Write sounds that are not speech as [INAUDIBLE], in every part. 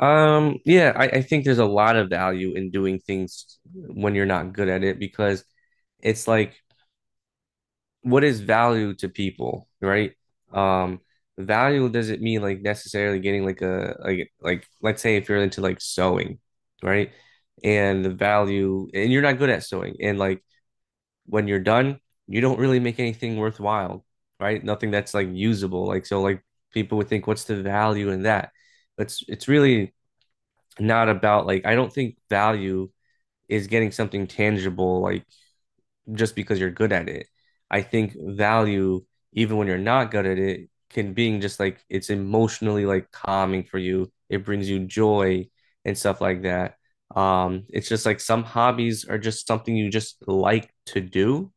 Yeah, I think there's a lot of value in doing things when you're not good at it because it's like, what is value to people, right? Um, Value doesn't mean like necessarily getting like a like let's say if you're into like sewing, right? And the value and you're not good at sewing and like when you're done, you don't really make anything worthwhile, right? Nothing that's like usable. Like so like people would think, what's the value in that? It's really not about like, I don't think value is getting something tangible like just because you're good at it. I think value, even when you're not good at it, can being just like it's emotionally like calming for you. It brings you joy and stuff like that. It's just like some hobbies are just something you just like to do.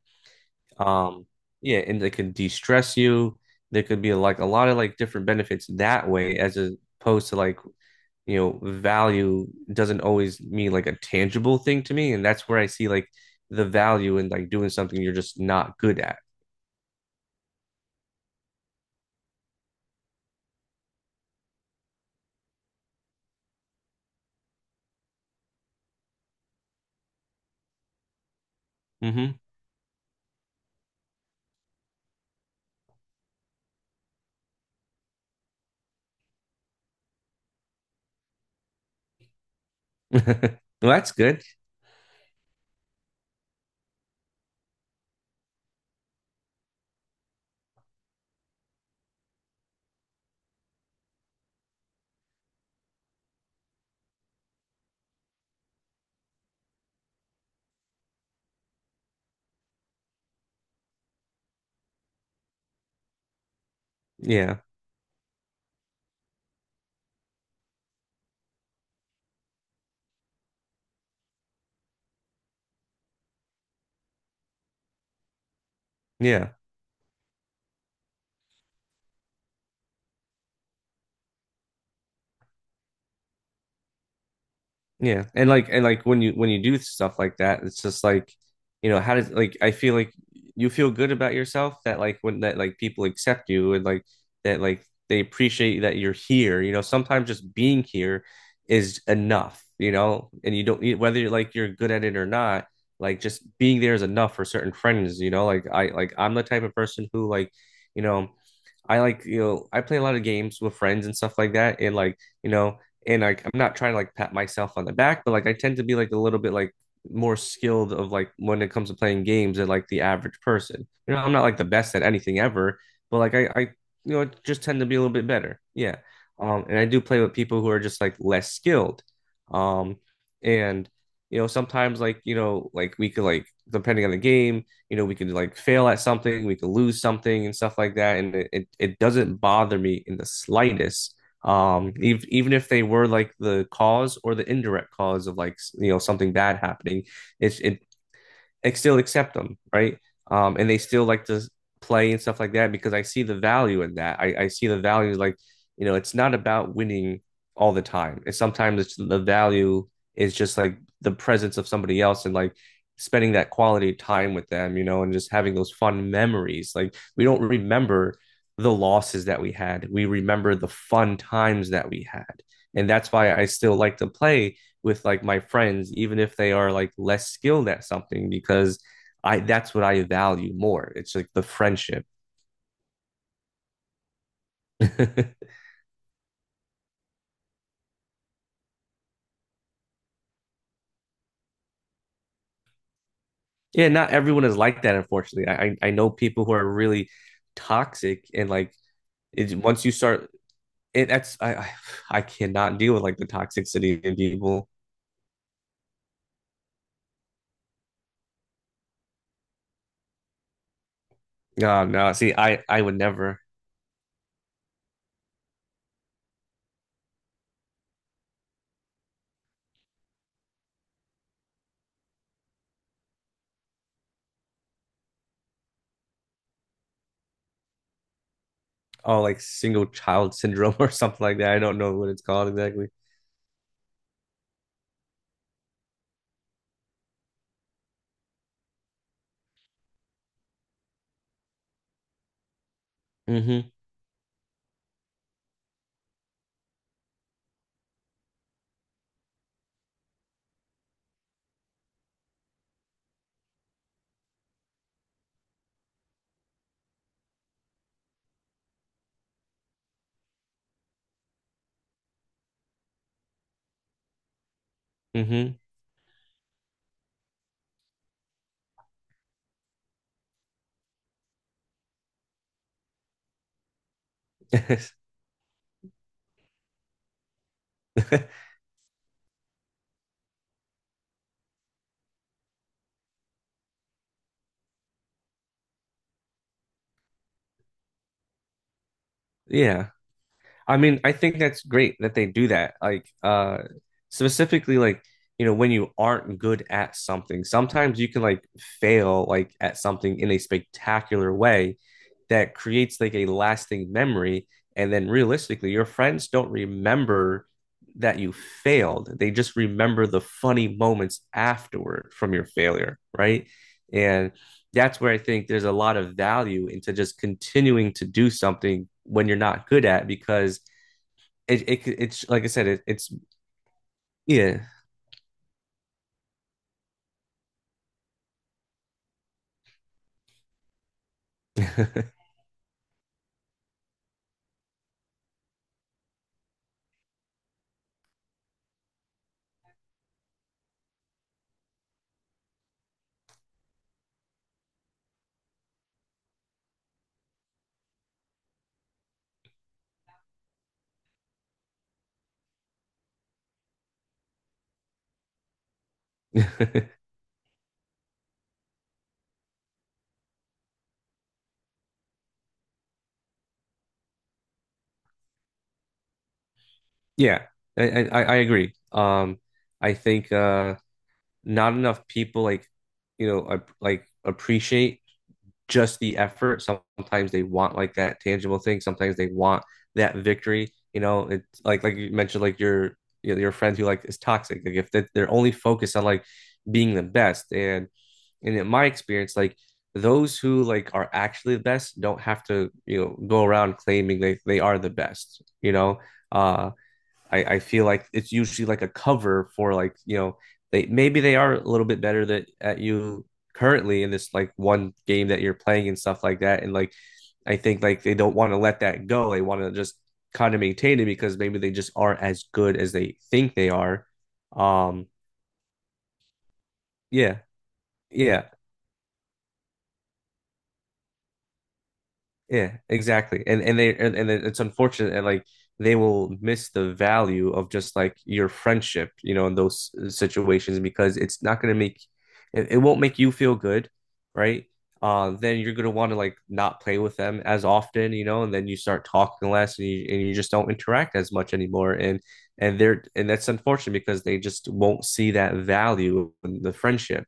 Um, yeah, and they can de-stress you. There could be like a lot of like different benefits that way, as opposed to like, you know, value doesn't always mean like a tangible thing to me. And that's where I see like the value in like doing something you're just not good at. Hmm. [LAUGHS] Well, that's good. Yeah. Yeah. Yeah, and like, and like when you, when you do stuff like that, it's just like, you know, how does like, I feel like you feel good about yourself that like when that like people accept you and like that like they appreciate that you're here. You know, sometimes just being here is enough, you know, and you don't whether you're like you're good at it or not, like just being there is enough for certain friends, you know, like I like, I'm the type of person who like, you know, I like, you know, I play a lot of games with friends and stuff like that and like, you know, and like I'm not trying to like pat myself on the back, but like I tend to be like a little bit like more skilled of like when it comes to playing games than like the average person. You know, I'm not like the best at anything ever, but like I you know just tend to be a little bit better. Yeah. And I do play with people who are just like less skilled. Um, and you know, sometimes like, you know, like we could like depending on the game, you know, we could like fail at something, we could lose something and stuff like that. And it doesn't bother me in the slightest, um, even if they were like the cause or the indirect cause of like, you know, something bad happening, it's it and still accept them, right? And they still like to play and stuff like that because I see the value in that. I see the value like, you know, it's not about winning all the time. It's sometimes it's the value is just like the presence of somebody else and like spending that quality time with them, you know, and just having those fun memories. Like we don't remember the losses that we had. We remember the fun times that we had. And that's why I still like to play with like my friends, even if they are like less skilled at something, because I that's what I value more. It's like the friendship. [LAUGHS] Yeah, not everyone is like that, unfortunately. I know people who are really toxic and like it, once you start it, that's I cannot deal with like the toxicity in people. No, no. See, I would never. Oh, like single child syndrome, [LAUGHS] or something like that. I don't know what it's called exactly. Mm-hmm. Mm-hmm. [LAUGHS] Yeah. I mean, I think that's great that they do that. Like, specifically, like, you know, when you aren't good at something, sometimes you can like fail like at something in a spectacular way that creates like a lasting memory. And then realistically, your friends don't remember that you failed. They just remember the funny moments afterward from your failure, right? And that's where I think there's a lot of value into just continuing to do something when you're not good at because it's like I said, it's yeah, [LAUGHS] yeah. I agree. I think, not enough people like, you know, like appreciate just the effort. Sometimes they want like that tangible thing. Sometimes they want that victory. You know, it's like you mentioned, like your, you know, your friend who like is toxic. Like if they, they're only focused on like being the best. And in my experience, like those who like are actually the best don't have to, you know, go around claiming they are the best, you know. Uh, I feel like it's usually like a cover for like, you know, they maybe they are a little bit better that at you currently in this like one game that you're playing and stuff like that. And like I think like they don't want to let that go. They want to just kind of maintain it because maybe they just aren't as good as they think they are. Um, yeah. Yeah. Yeah, exactly. And and it's unfortunate and like they will miss the value of just like your friendship, you know, in those situations because it's not going to make it, it won't make you feel good, right? Then you're going to want to like not play with them as often, you know, and then you start talking less and you just don't interact as much anymore. And they're and that's unfortunate because they just won't see that value in the friendship.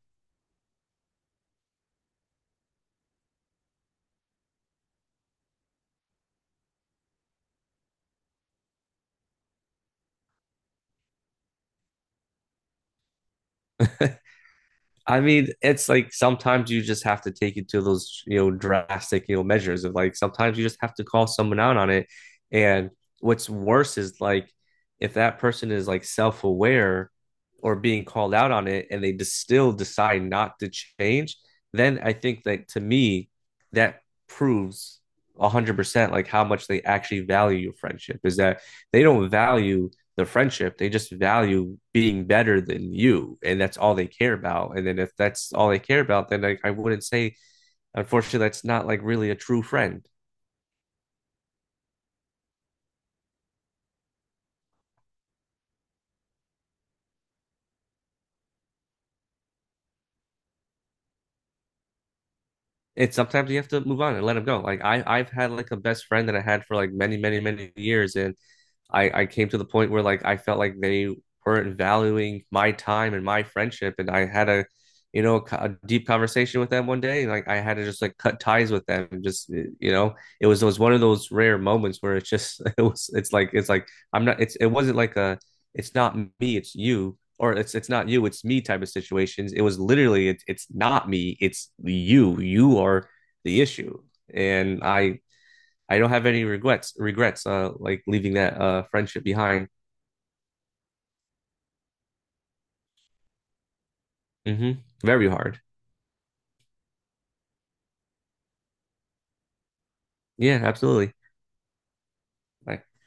[LAUGHS] I mean, it's like sometimes you just have to take it to those, you know, drastic, you know, measures of like sometimes you just have to call someone out on it. And what's worse is like if that person is like self-aware or being called out on it and they just still decide not to change, then I think that to me, that proves 100% like how much they actually value your friendship is that they don't value the friendship. They just value being better than you, and that's all they care about. And then if that's all they care about, then I wouldn't say, unfortunately, that's not like really a true friend. And sometimes you have to move on and let them go. Like I've had like a best friend that I had for like many, many, many years, and I came to the point where like I felt like they weren't valuing my time and my friendship, and I had a you know a deep conversation with them one day, and like I had to just like cut ties with them, and just you know it was one of those rare moments where it's just [LAUGHS] it's like I'm not it's it wasn't like a it's not me, it's you. Or it's not you, it's me type of situations. It was literally it's not me, it's you. You are the issue. And I don't have any regrets, uh, like leaving that, uh, friendship behind. Hmm. Very hard. Yeah, absolutely. Like